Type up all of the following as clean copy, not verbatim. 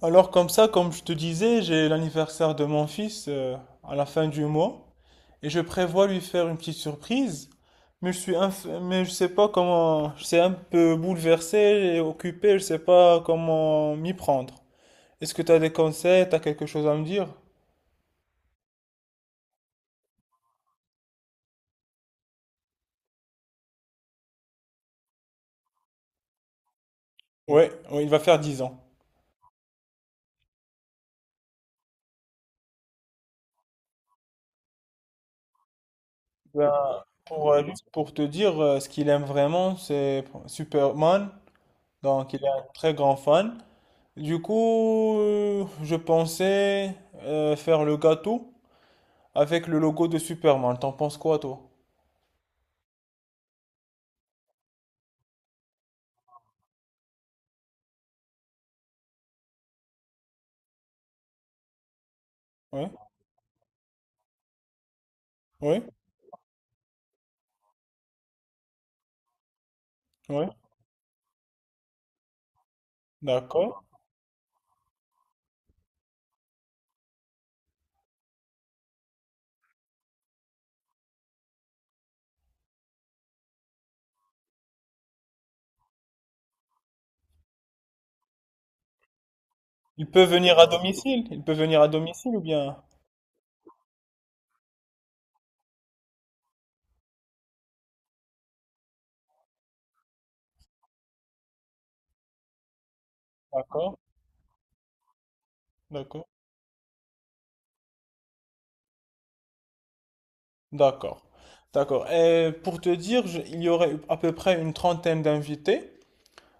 Alors comme ça, comme je te disais, j'ai l'anniversaire de mon fils à la fin du mois et je prévois lui faire une petite surprise. Mais mais je sais pas comment, je suis un peu bouleversé et occupé, je sais pas comment m'y prendre. Est-ce que tu as des conseils, tu as quelque chose à me dire? Ouais, ouais, il va faire 10 ans. Ben, pour, juste pour te dire, ce qu'il aime vraiment, c'est Superman. Donc, il est un très grand fan. Du coup, je pensais faire le gâteau. Avec le logo de Superman, t'en penses quoi, toi? Oui, oui, oui, d'accord. Il peut venir à domicile, il peut venir à domicile ou bien... D'accord, d'accord, d'accord, d'accord. Et pour te dire, il y aurait à peu près une trentaine d'invités.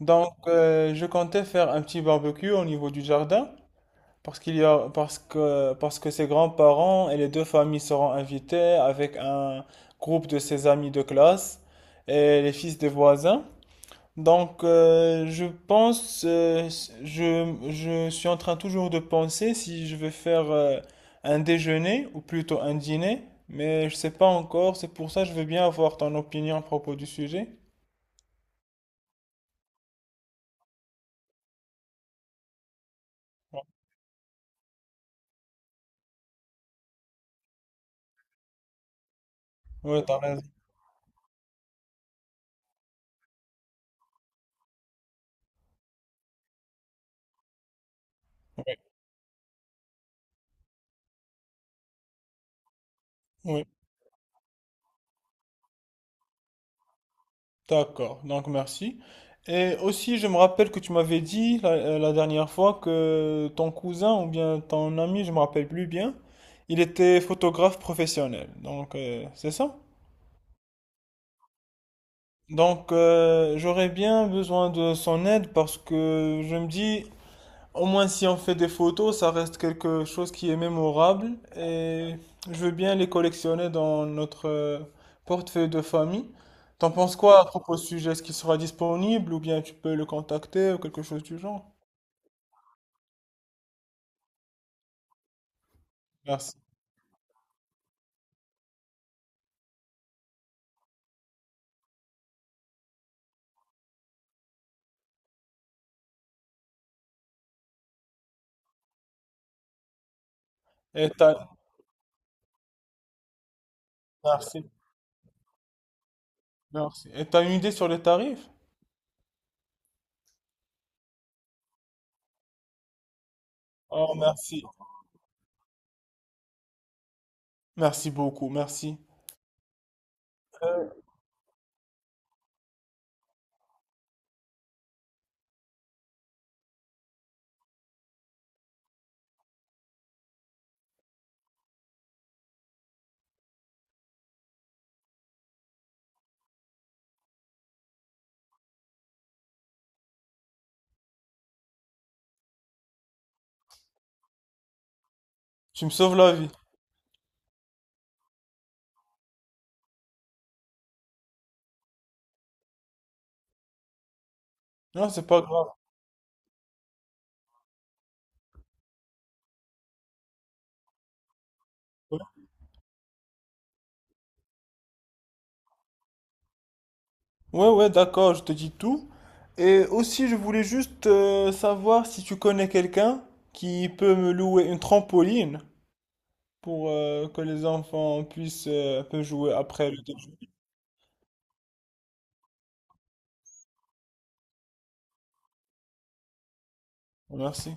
Donc, je comptais faire un petit barbecue au niveau du jardin parce qu'parce que ses grands-parents et les deux familles seront invités avec un groupe de ses amis de classe et les fils des voisins. Donc, je pense, je suis en train toujours de penser si je vais faire un déjeuner ou plutôt un dîner, mais je sais pas encore, c'est pour ça que je veux bien avoir ton opinion à propos du sujet. Oui, t'as raison. Oui, d'accord. Donc, merci. Et aussi, je me rappelle que tu m'avais dit la dernière fois que ton cousin ou bien ton ami, je me rappelle plus bien, il était photographe professionnel. Donc, c'est ça? Donc, j'aurais bien besoin de son aide parce que je me dis, au moins si on fait des photos, ça reste quelque chose qui est mémorable et je veux bien les collectionner dans notre portefeuille de famille. T'en penses quoi à propos du sujet? Est-ce qu'il sera disponible ou bien tu peux le contacter ou quelque chose du genre? Merci. Et t'as, merci, merci. Et t'as une idée sur les tarifs? Oh, merci. Merci beaucoup, merci. Euh, Tu me sauves la vie. Non, c'est pas grave. Ouais, ouais, d'accord, je te dis tout. Et aussi, je voulais juste savoir si tu connais quelqu'un qui peut me louer une trampoline pour que les enfants puissent un peu jouer après le déjeuner. Merci.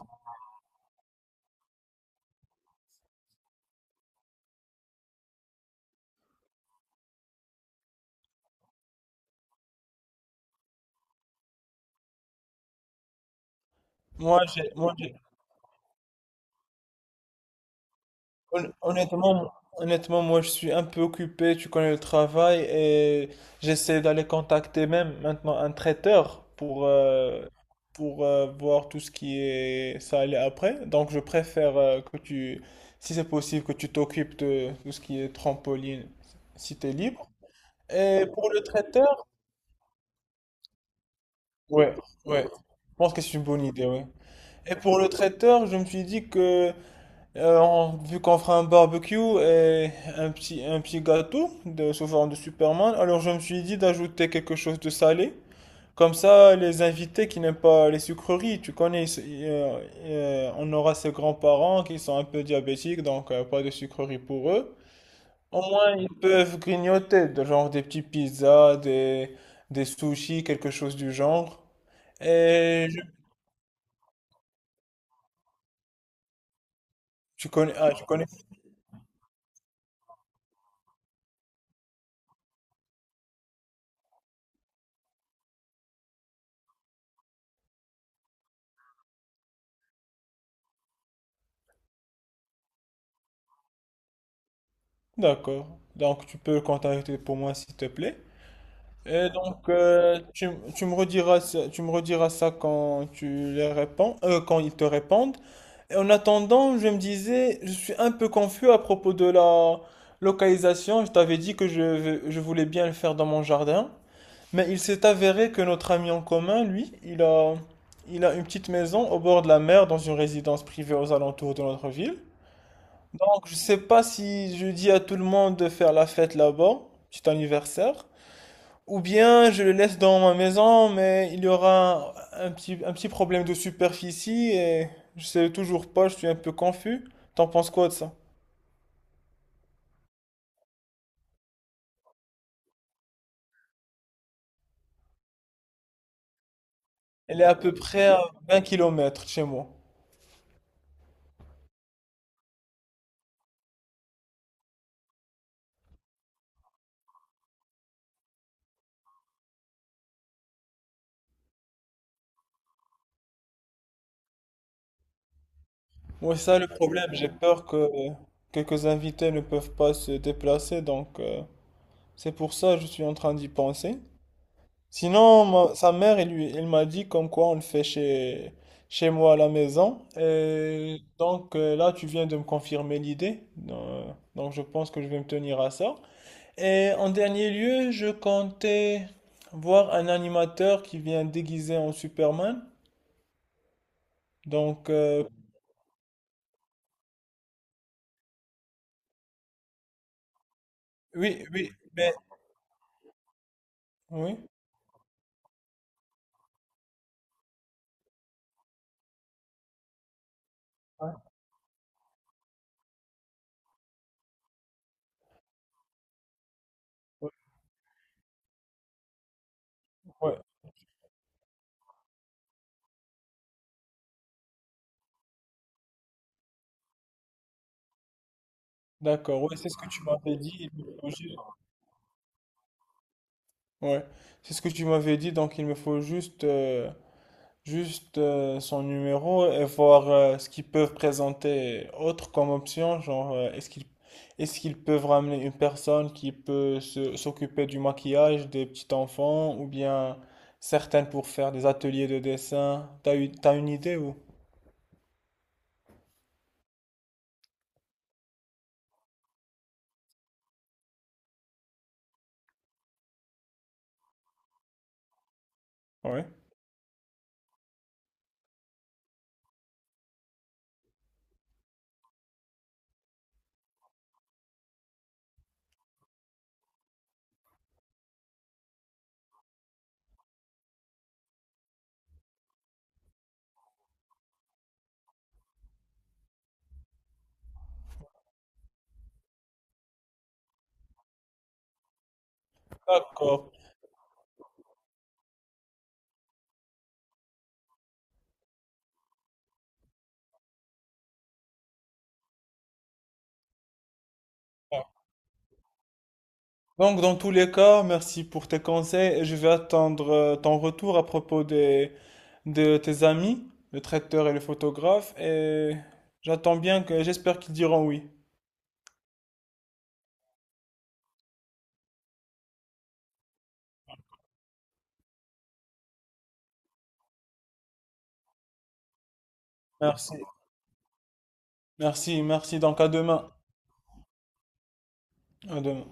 Moi, j'ai, moi, j'ai- Hon- Honnêtement, honnêtement, moi je suis un peu occupé, tu connais le travail et j'essaie d'aller contacter même maintenant un traiteur pour, voir tout ce qui est ça aller après. Donc je préfère si c'est possible, que tu t'occupes de tout ce qui est trampoline si tu es libre. Et pour le traiteur, ouais, ouais, je pense que c'est une bonne idée, ouais. Et pour le traiteur, je me suis dit que vu qu'on fera un barbecue et un petit gâteau de, sous forme de Superman, alors je me suis dit d'ajouter quelque chose de salé. Comme ça, les invités qui n'aiment pas les sucreries, tu connais, on aura ses grands-parents qui sont un peu diabétiques, donc pas de sucreries pour eux. Au moins, ils peuvent grignoter, de genre des petits pizzas, des sushis, quelque chose du genre. Et je- tu connais, ah, tu connais, d'accord. Donc, tu peux le contacter pour moi, s'il te plaît. Et donc, tu me rediras ça quand quand ils te répondent. Et en attendant, je me disais, je suis un peu confus à propos de la localisation. Je t'avais dit que je voulais bien le faire dans mon jardin. Mais il s'est avéré que notre ami en commun, lui, il a une petite maison au bord de la mer dans une résidence privée aux alentours de notre ville. Donc, je sais pas si je dis à tout le monde de faire la fête là-bas, petit anniversaire. Ou bien je le laisse dans ma maison, mais il y aura un petit problème de superficie et je sais toujours pas, je suis un peu confus. T'en penses quoi de ça? Elle est à peu près à 20 km de chez moi. Moi, c'est ça le problème, j'ai peur que quelques invités ne peuvent pas se déplacer, donc c'est pour ça que je suis en train d'y penser. Sinon, sa mère, elle, lui- elle m'a dit comme quoi on le fait chez, chez moi à la maison. Et donc là, tu viens de me confirmer l'idée. Donc je pense que je vais me tenir à ça. Et en dernier lieu, je comptais voir un animateur qui vient déguisé en Superman. Donc oui, oui, mais oui. Ouais, ouais, ouais. D'accord, oui, c'est ce que tu m'avais dit. Il me faut juste- Ouais, c'est ce que tu m'avais dit, donc il me faut juste son numéro et voir ce qu'ils peuvent présenter autre comme option, genre est-ce qu'ils peuvent ramener une personne qui peut s'occuper du maquillage des petits enfants ou bien certaines pour faire des ateliers de dessin. T'as une idée ou? Oui. D'accord. Donc dans tous les cas, merci pour tes conseils et je vais attendre ton retour à propos des, de tes amis, le traiteur et le photographe et j'attends bien que j'espère qu'ils diront oui. Merci, merci, merci. Donc à demain. À demain.